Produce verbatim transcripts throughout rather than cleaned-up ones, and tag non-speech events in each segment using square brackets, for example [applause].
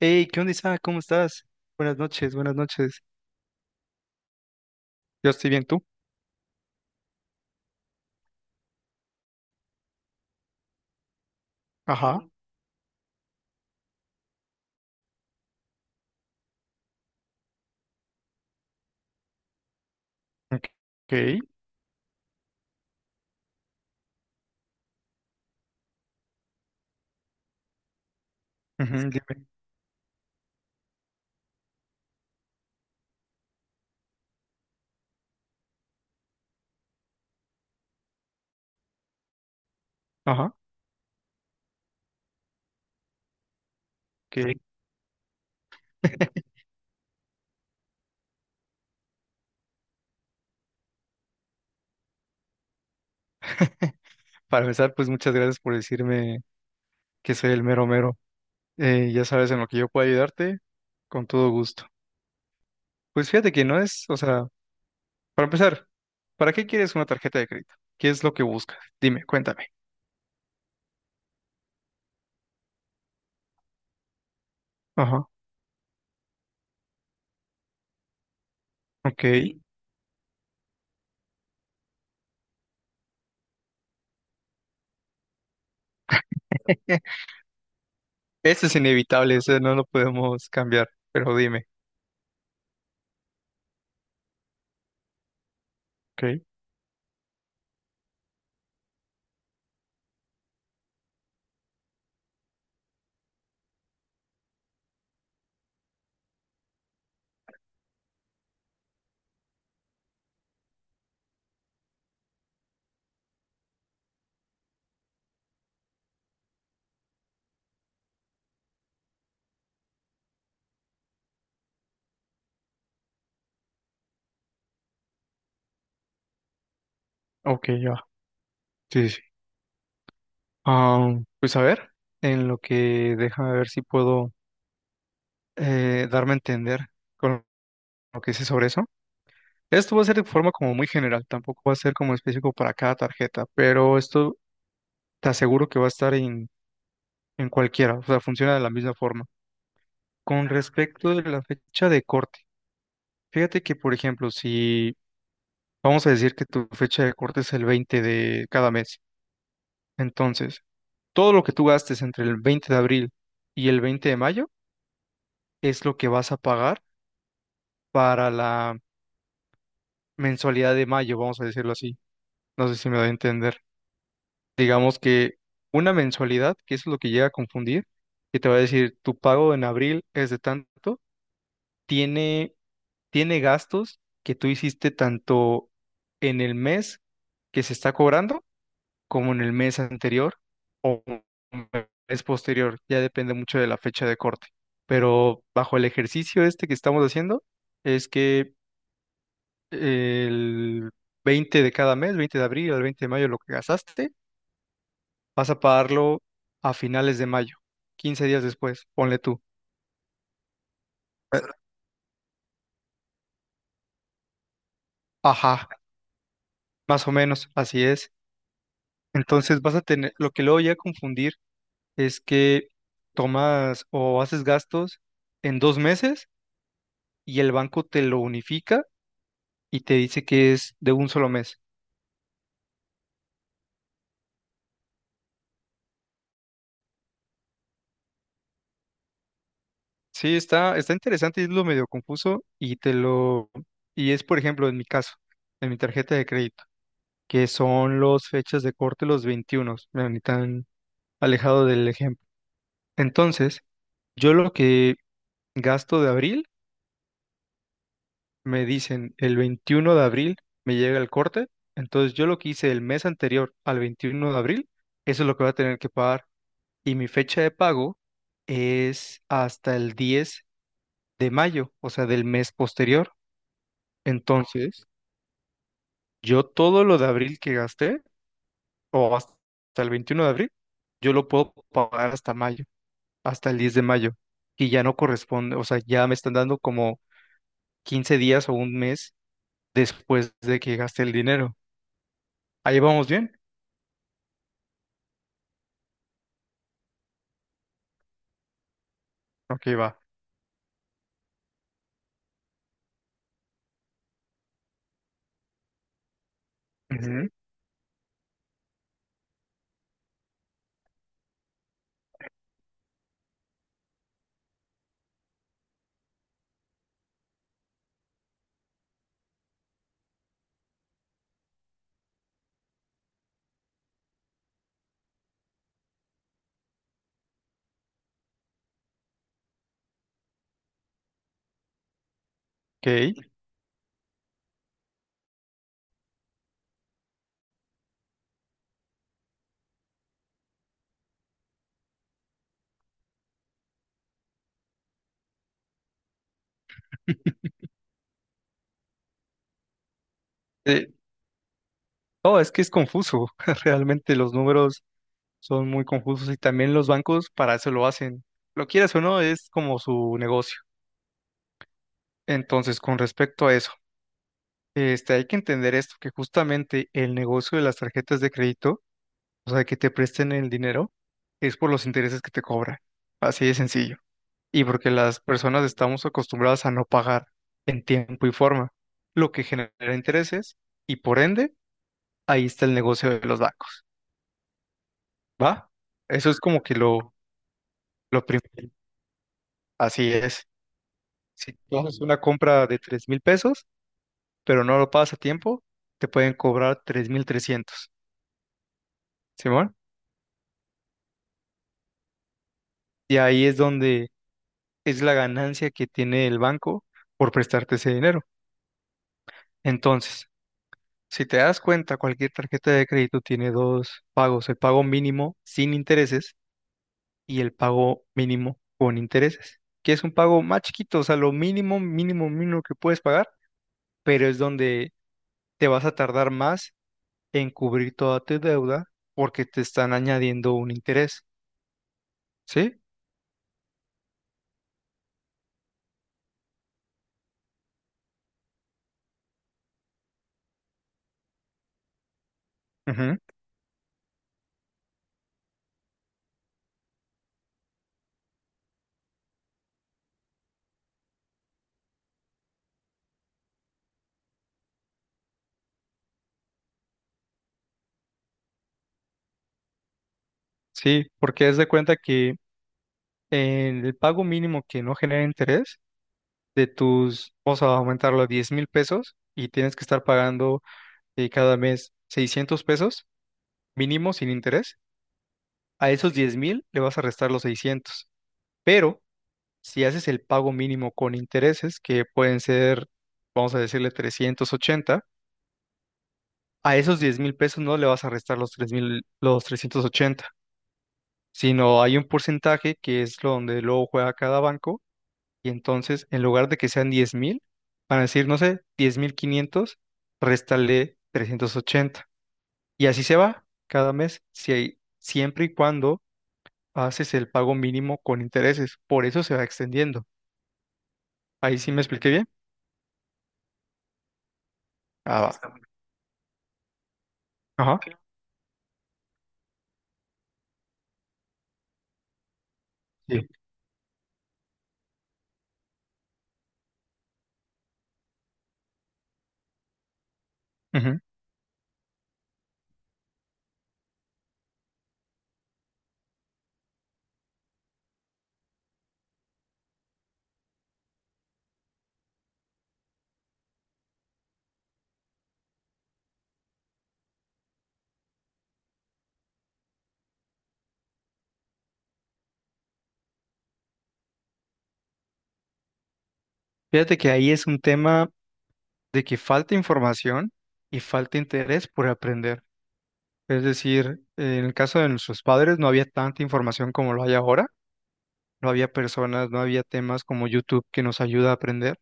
Hey, ¿qué onda, Isaac? ¿Cómo estás? Buenas noches, buenas noches. Yo estoy bien, ¿tú? Ajá. Bien. Ok. Ok, ujú, dime. Ajá. Ok. [laughs] Para empezar, pues muchas gracias por decirme que soy el mero mero. Eh, ya sabes, en lo que yo pueda ayudarte, con todo gusto. Pues fíjate que no es, o sea, para empezar, ¿para qué quieres una tarjeta de crédito? ¿Qué es lo que buscas? Dime, cuéntame. Ajá. Ok. [laughs] Eso es inevitable, eso no lo podemos cambiar, pero dime. Ok. Ok, ya. Sí. Ah, pues a ver, en lo que deja ver si puedo eh, darme a entender con lo que sé sobre eso. Esto va a ser de forma como muy general, tampoco va a ser como específico para cada tarjeta, pero esto te aseguro que va a estar en, en cualquiera, o sea, funciona de la misma forma. Con respecto de la fecha de corte, fíjate que, por ejemplo, si vamos a decir que tu fecha de corte es el veinte de cada mes, entonces todo lo que tú gastes entre el veinte de abril y el veinte de mayo es lo que vas a pagar para la mensualidad de mayo, vamos a decirlo así. No sé si me doy a entender. Digamos que una mensualidad, que eso es lo que llega a confundir, que te va a decir tu pago en abril es de tanto, tiene, tiene gastos que tú hiciste tanto en el mes que se está cobrando como en el mes anterior o mes posterior. Ya depende mucho de la fecha de corte. Pero bajo el ejercicio este que estamos haciendo, es que el veinte de cada mes, veinte de abril al veinte de mayo, lo que gastaste, vas a pagarlo a finales de mayo, quince días después, ponle tú. Eh, Ajá, más o menos, así es. Entonces vas a tener, lo que luego llega a confundir es que tomas o haces gastos en dos meses y el banco te lo unifica y te dice que es de un solo mes. Sí, está, está interesante, es lo medio confuso y te lo, y es por ejemplo en mi caso, en mi tarjeta de crédito, que son los fechas de corte los veintiuno, mira, ni tan alejado del ejemplo. Entonces, yo lo que gasto de abril, me dicen el veintiuno de abril me llega el corte, entonces yo lo que hice el mes anterior al veintiuno de abril, eso es lo que voy a tener que pagar. Y mi fecha de pago es hasta el diez de mayo, o sea, del mes posterior. Entonces, yo todo lo de abril que gasté, o hasta hasta el veintiuno de abril, yo lo puedo pagar hasta mayo, hasta el diez de mayo, que ya no corresponde, o sea, ya me están dando como quince días o un mes después de que gasté el dinero. ¿Ahí vamos bien? Ok, va. Ujú. Ok. Eh, no, es que es confuso. [laughs] Realmente los números son muy confusos y también los bancos para eso lo hacen. Lo quieras o no, es como su negocio. Entonces, con respecto a eso, este, hay que entender esto, que justamente el negocio de las tarjetas de crédito, o sea, que te presten el dinero, es por los intereses que te cobran. Así de sencillo, y porque las personas estamos acostumbradas a no pagar en tiempo y forma, lo que genera intereses y por ende ahí está el negocio de los bancos, ¿va? Eso es como que lo, lo primero. Así es. Si tú haces una compra de tres mil pesos, pero no lo pagas a tiempo, te pueden cobrar tres mil trescientos, ¿Simón? Y ahí es donde es la ganancia que tiene el banco por prestarte ese dinero. Entonces, si te das cuenta, cualquier tarjeta de crédito tiene dos pagos, el pago mínimo sin intereses y el pago mínimo con intereses, que es un pago más chiquito, o sea, lo mínimo, mínimo, mínimo que puedes pagar, pero es donde te vas a tardar más en cubrir toda tu deuda porque te están añadiendo un interés, ¿sí? Ujú. Sí, porque haz de cuenta que en el pago mínimo que no genera interés, de tus, vamos a aumentarlo a diez mil pesos y tienes que estar pagando y cada mes seiscientos pesos mínimo sin interés, a esos diez mil le vas a restar los seiscientos. Pero si haces el pago mínimo con intereses, que pueden ser, vamos a decirle trescientos ochenta a esos diez mil pesos no le vas a restar los tres mil, los trescientos ochenta sino hay un porcentaje que es lo donde luego juega cada banco y entonces en lugar de que sean diez mil, van a decir, no sé, diez mil quinientos, réstale trescientos ochenta. Y así se va cada mes, si hay- siempre y cuando haces el pago mínimo con intereses. Por eso se va extendiendo. Ahí sí me expliqué bien. Ah, va. Está. Ajá. Sí. Ujú. Fíjate que ahí es un tema de que falta información y falta interés por aprender. Es decir, en el caso de nuestros padres no había tanta información como lo hay ahora. No había personas, no había temas como YouTube que nos ayuda a aprender.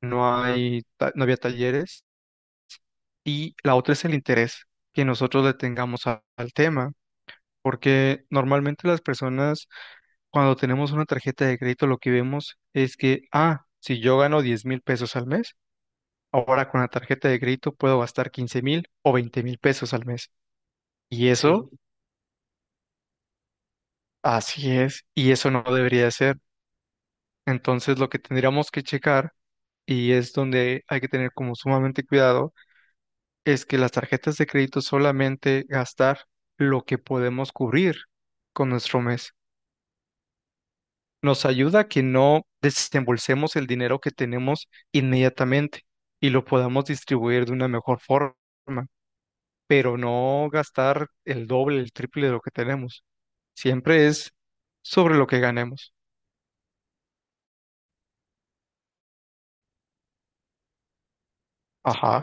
No hay, ta- no había talleres. Y la otra es el interés que nosotros le tengamos a- al tema. Porque normalmente las personas, cuando tenemos una tarjeta de crédito, lo que vemos es que, ah, si yo gano diez mil pesos al mes, ahora con la tarjeta de crédito puedo gastar quince mil o veinte mil pesos al mes. Y eso, así es, y eso no debería ser. Entonces, lo que tendríamos que checar, y es donde hay que tener como sumamente cuidado, es que las tarjetas de crédito solamente gastar lo que podemos cubrir con nuestro mes, nos ayuda a que no desembolsemos el dinero que tenemos inmediatamente y lo podamos distribuir de una mejor forma, pero no gastar el doble, el triple de lo que tenemos. Siempre es sobre lo que ganemos. Ajá.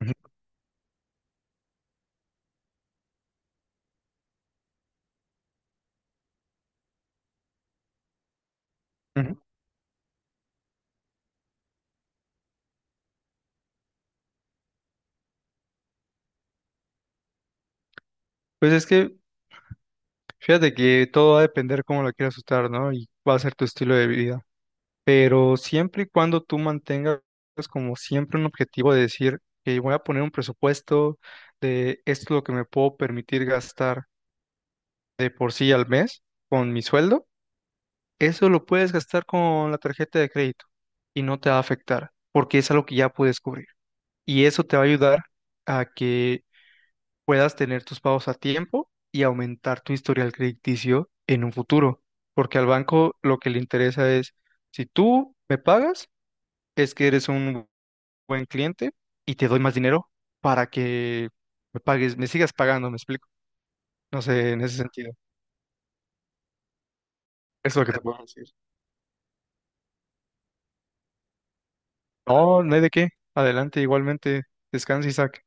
Ujú, ujú. Pues es que fíjate que todo va a depender cómo la quieras usar, ¿no? Y va a ser tu estilo de vida. Pero siempre y cuando tú mantengas como siempre un objetivo de decir que voy a poner un presupuesto de esto es lo que me puedo permitir gastar de por sí al mes con mi sueldo, eso lo puedes gastar con la tarjeta de crédito y no te va a afectar porque es algo que ya puedes cubrir. Y eso te va a ayudar a que puedas tener tus pagos a tiempo y aumentar tu historial crediticio en un futuro. Porque al banco lo que le interesa es, si tú me pagas, es que eres un buen cliente y te doy más dinero para que me pagues, me sigas pagando, ¿me explico? No sé, en ese sentido. Eso es lo que te puedo decir. No, no hay de qué. Adelante, igualmente. Descansa, Isaac.